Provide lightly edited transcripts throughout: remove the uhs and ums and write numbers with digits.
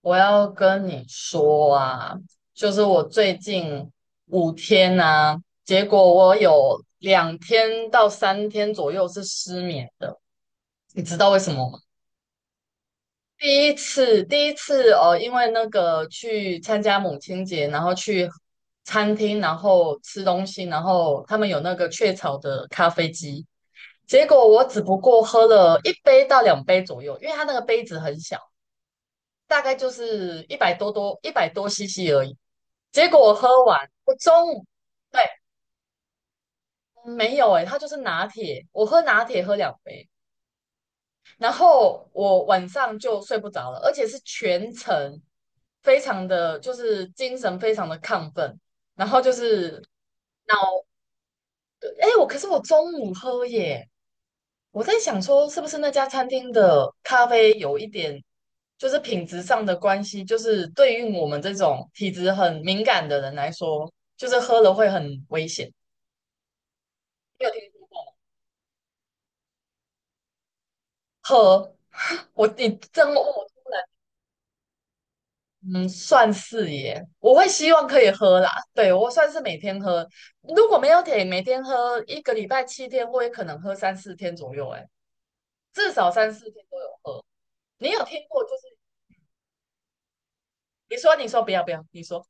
我要跟你说啊，就是我最近五天啊，结果我有两天到三天左右是失眠的，你知道为什么吗？第一次哦，因为那个去参加母亲节，然后去餐厅，然后吃东西，然后他们有那个雀巢的咖啡机，结果我只不过喝了一杯到两杯左右，因为它那个杯子很小，大概就是一百多 CC 而已。结果我喝完，我中午对。没有诶、它就是拿铁，我喝拿铁喝两杯，然后我晚上就睡不着了，而且是全程非常的就是精神非常的亢奋，然后就是脑哎、诶可是我中午喝耶，我在想说是不是那家餐厅的咖啡有一点就是品质上的关系，就是对于我们这种体质很敏感的人来说，就是喝了会很危险。你有听喝。我你真我嗯，算是耶，我会希望可以喝啦。对，我算是每天喝，如果没有铁，每天喝一个礼拜七天，我也可能喝三四天左右，哎，至少三四天都有喝。你有听过就是你说不要不要，你说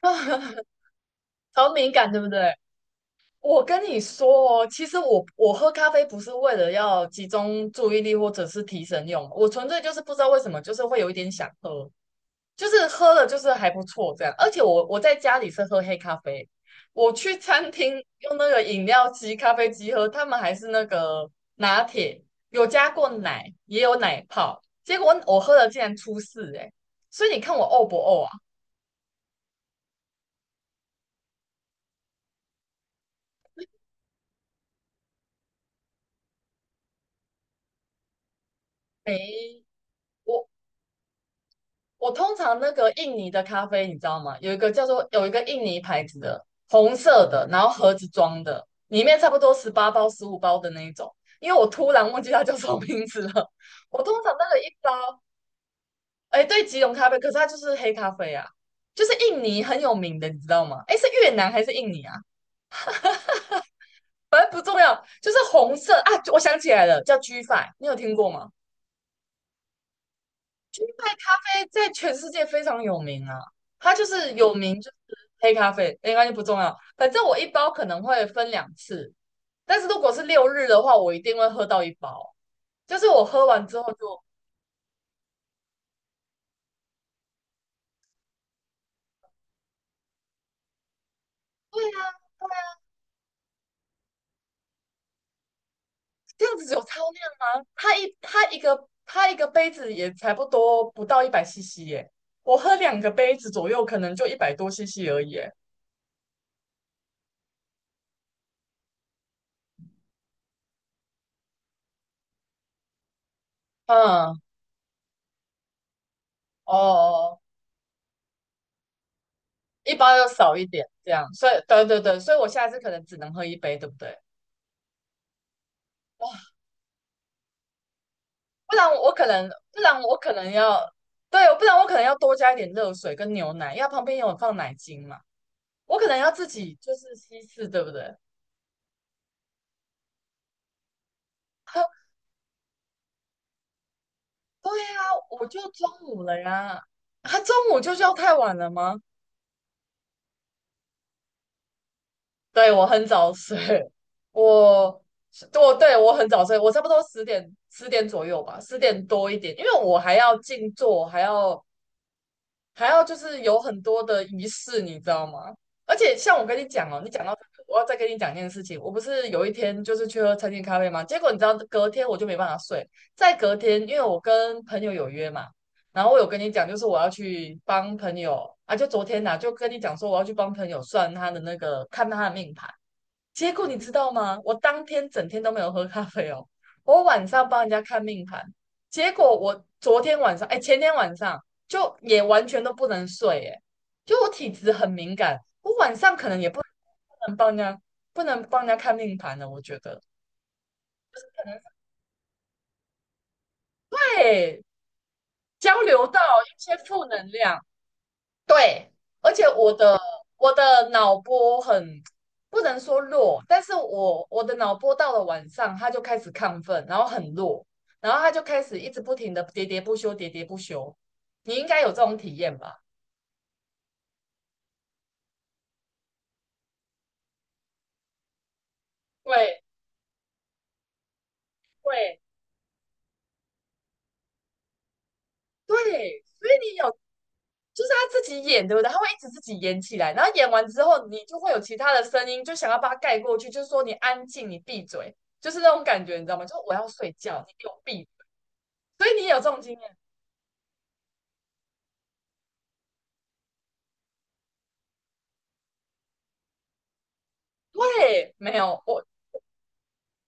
啊，好敏感对不对？我跟你说哦，其实我喝咖啡不是为了要集中注意力或者是提神用，我纯粹就是不知道为什么，就是会有一点想喝。就是喝了就是还不错这样。而且我在家里是喝黑咖啡，我去餐厅用那个饮料机、咖啡机喝，他们还是那个拿铁，有加过奶，也有奶泡。结果我喝了竟然出事哎、欸，所以你看我呕不呕啊？没，我我通常那个印尼的咖啡，你知道吗？有一个印尼牌子的红色的，然后盒子装的，里面差不多十八包、十五包的那一种。因为我突然忘记它叫什么名字了。我通常那个一包，哎，对，吉隆咖啡，可是它就是黑咖啡啊，就是印尼很有名的，你知道吗？哎，是越南还是印尼啊？反正不重要，就是红色啊。我想起来了，叫 G f i, 你有听过吗？在全世界非常有名啊，它就是有名就是黑咖啡，应该就不重要，反正我一包可能会分两次，但是如果是六日的话，我一定会喝到一包，就是我喝完之后就，对啊，这样子有超量吗？它一个杯子也才不多，不到一百 CC 耶，我喝两个杯子左右，可能就一百多 CC 而已耶。嗯，哦，一包要少一点这样，所以对对对，所以我下次可能只能喝一杯，对不对？哦，不然我可能，不然我可能要，对，不然我可能要多加一点热水跟牛奶，因为它旁边有放奶精嘛，我可能要自己就是稀释，对不对？他对呀、啊，我就中午了呀，他中午就是要太晚了吗？对，我很早睡。我我很早睡，我差不多十点左右吧，十点多一点，因为我还要静坐，还要就是有很多的仪式，你知道吗？而且像我跟你讲哦，你讲到这个我要再跟你讲一件事情。我不是有一天就是去喝餐厅咖啡吗？结果你知道，隔天我就没办法睡。在隔天，因为我跟朋友有约嘛，然后我有跟你讲，就是我要去帮朋友啊，就昨天呐、就跟你讲说我要去帮朋友算他的那个，看他的命盘。结果你知道吗？我当天整天都没有喝咖啡哦。我晚上帮人家看命盘，结果我昨天晚上，哎，前天晚上就也完全都不能睡，哎，就我体质很敏感，我晚上可能也能帮人家，不能帮人家看命盘了。我觉得，对，交流到一些负能量，对，而且我的脑波很不能说弱，但是我的脑波到了晚上，它就开始亢奋，然后很弱，然后它就开始一直不停的喋喋不休，喋喋不休。你应该有这种体验吧？对对对，所以你有，就是他自己演，对不对？他会一直自己演起来，然后演完之后，你就会有其他的声音，就想要把它盖过去，就是说你安静，你闭嘴，就是那种感觉，你知道吗？就是我要睡觉，你给我闭。所以你有这种经验。对，没有我，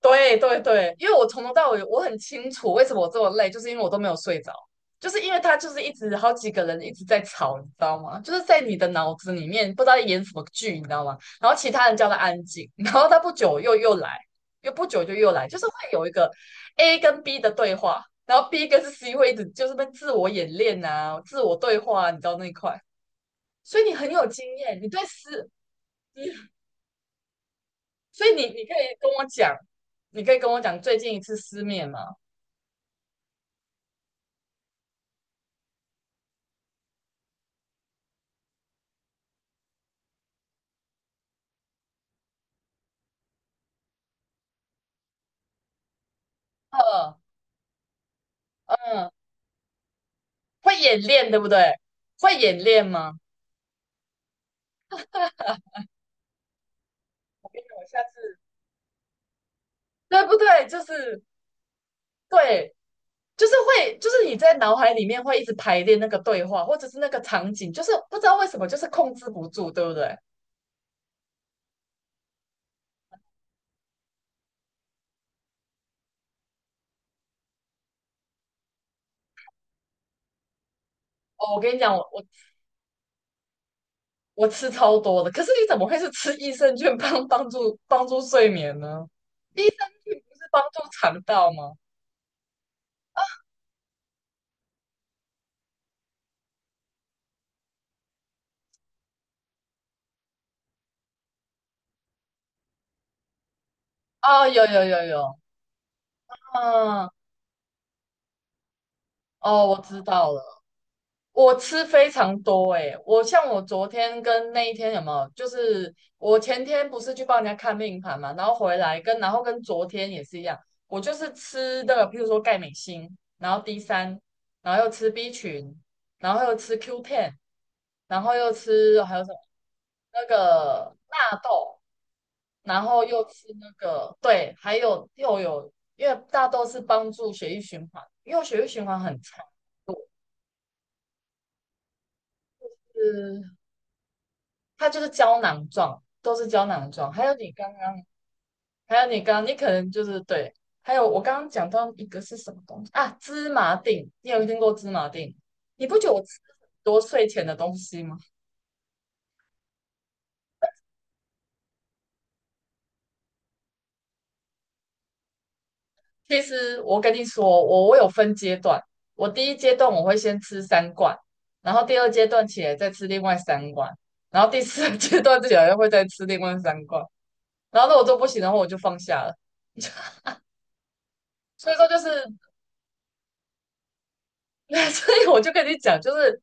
对对对，因为我从头到尾我很清楚为什么我这么累，就是因为我都没有睡着，就是因为他就是一直好几个人一直在吵，你知道吗？就是在你的脑子里面不知道在演什么剧，你知道吗？然后其他人叫他安静，然后他不久又来，又不久就又来，就是会有一个 A 跟 B 的对话，然后 B 跟 C 会一直就是被自我演练啊，自我对话啊，你知道那一块，所以你很有经验，你对思。所以你可以跟我讲最近一次失眠吗？嗯嗯，会演练对不对？会演练吗？我下次对不对？就是对，就是会，就是你在脑海里面会一直排练那个对话，或者是那个场景，就是不知道为什么就是控制不住，对不对？哦，我跟你讲，我吃超多的，可是你怎么会是吃益生菌帮助睡眠呢？益生菌不是帮助肠道吗？哦，有有有有，嗯，哦，我知道了，我吃非常多诶、像我昨天跟那一天有没有，就是我前天不是去帮人家看命盘嘛，然后回来跟然后跟昨天也是一样，我就是吃的，譬如说钙镁锌，然后 D 三，然后又吃 B 群，然后又吃 q 1,然后又吃还有什么那个纳豆，然后又吃那个对，还有又有因为大豆是帮助血液循环，因为我血液循环很差。我是它就是胶囊状，都是胶囊状。还有你刚刚，你可能就是对，还有我刚刚讲到一个是什么东西啊？芝麻锭，你有听过芝麻锭？你不觉得我吃很多睡前的东西吗？其实我跟你说，我有分阶段，我第一阶段我会先吃三罐，然后第二阶段起来再吃另外三罐，然后第四阶段起来会再吃另外三罐，然后如果都不行的话，我就放下了。所以说就是，所以我就跟你讲，就是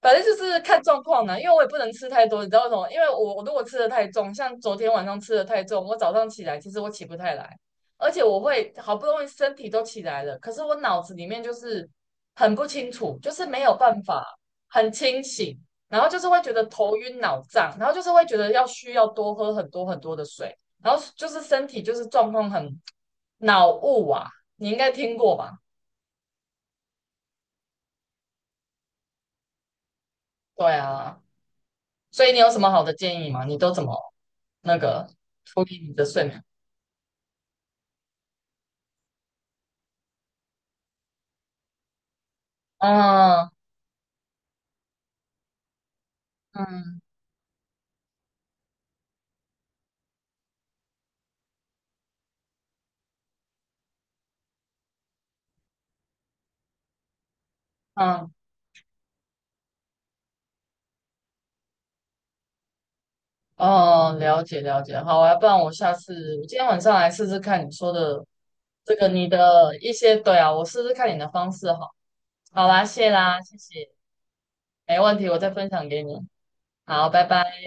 反正就是看状况啦，因为我也不能吃太多，你知道为什么？因为我如果吃的太重，像昨天晚上吃的太重，我早上起来其实我起不太来，而且我会好不容易身体都起来了，可是我脑子里面就是很不清楚，就是没有办法很清醒，然后就是会觉得头晕脑胀，然后就是会觉得要需要多喝很多很多的水，然后就是身体就是状况很脑雾啊，你应该听过吧？对啊，所以你有什么好的建议吗？你都怎么？那个处理你的睡眠。嗯嗯嗯，哦，了解了解。好啊，不然我下次我今天晚上来试试看你说的这个你的一些，对啊，我试试看你的方式好。好啦，谢啦，谢谢，没问题，我再分享给你。好，拜拜。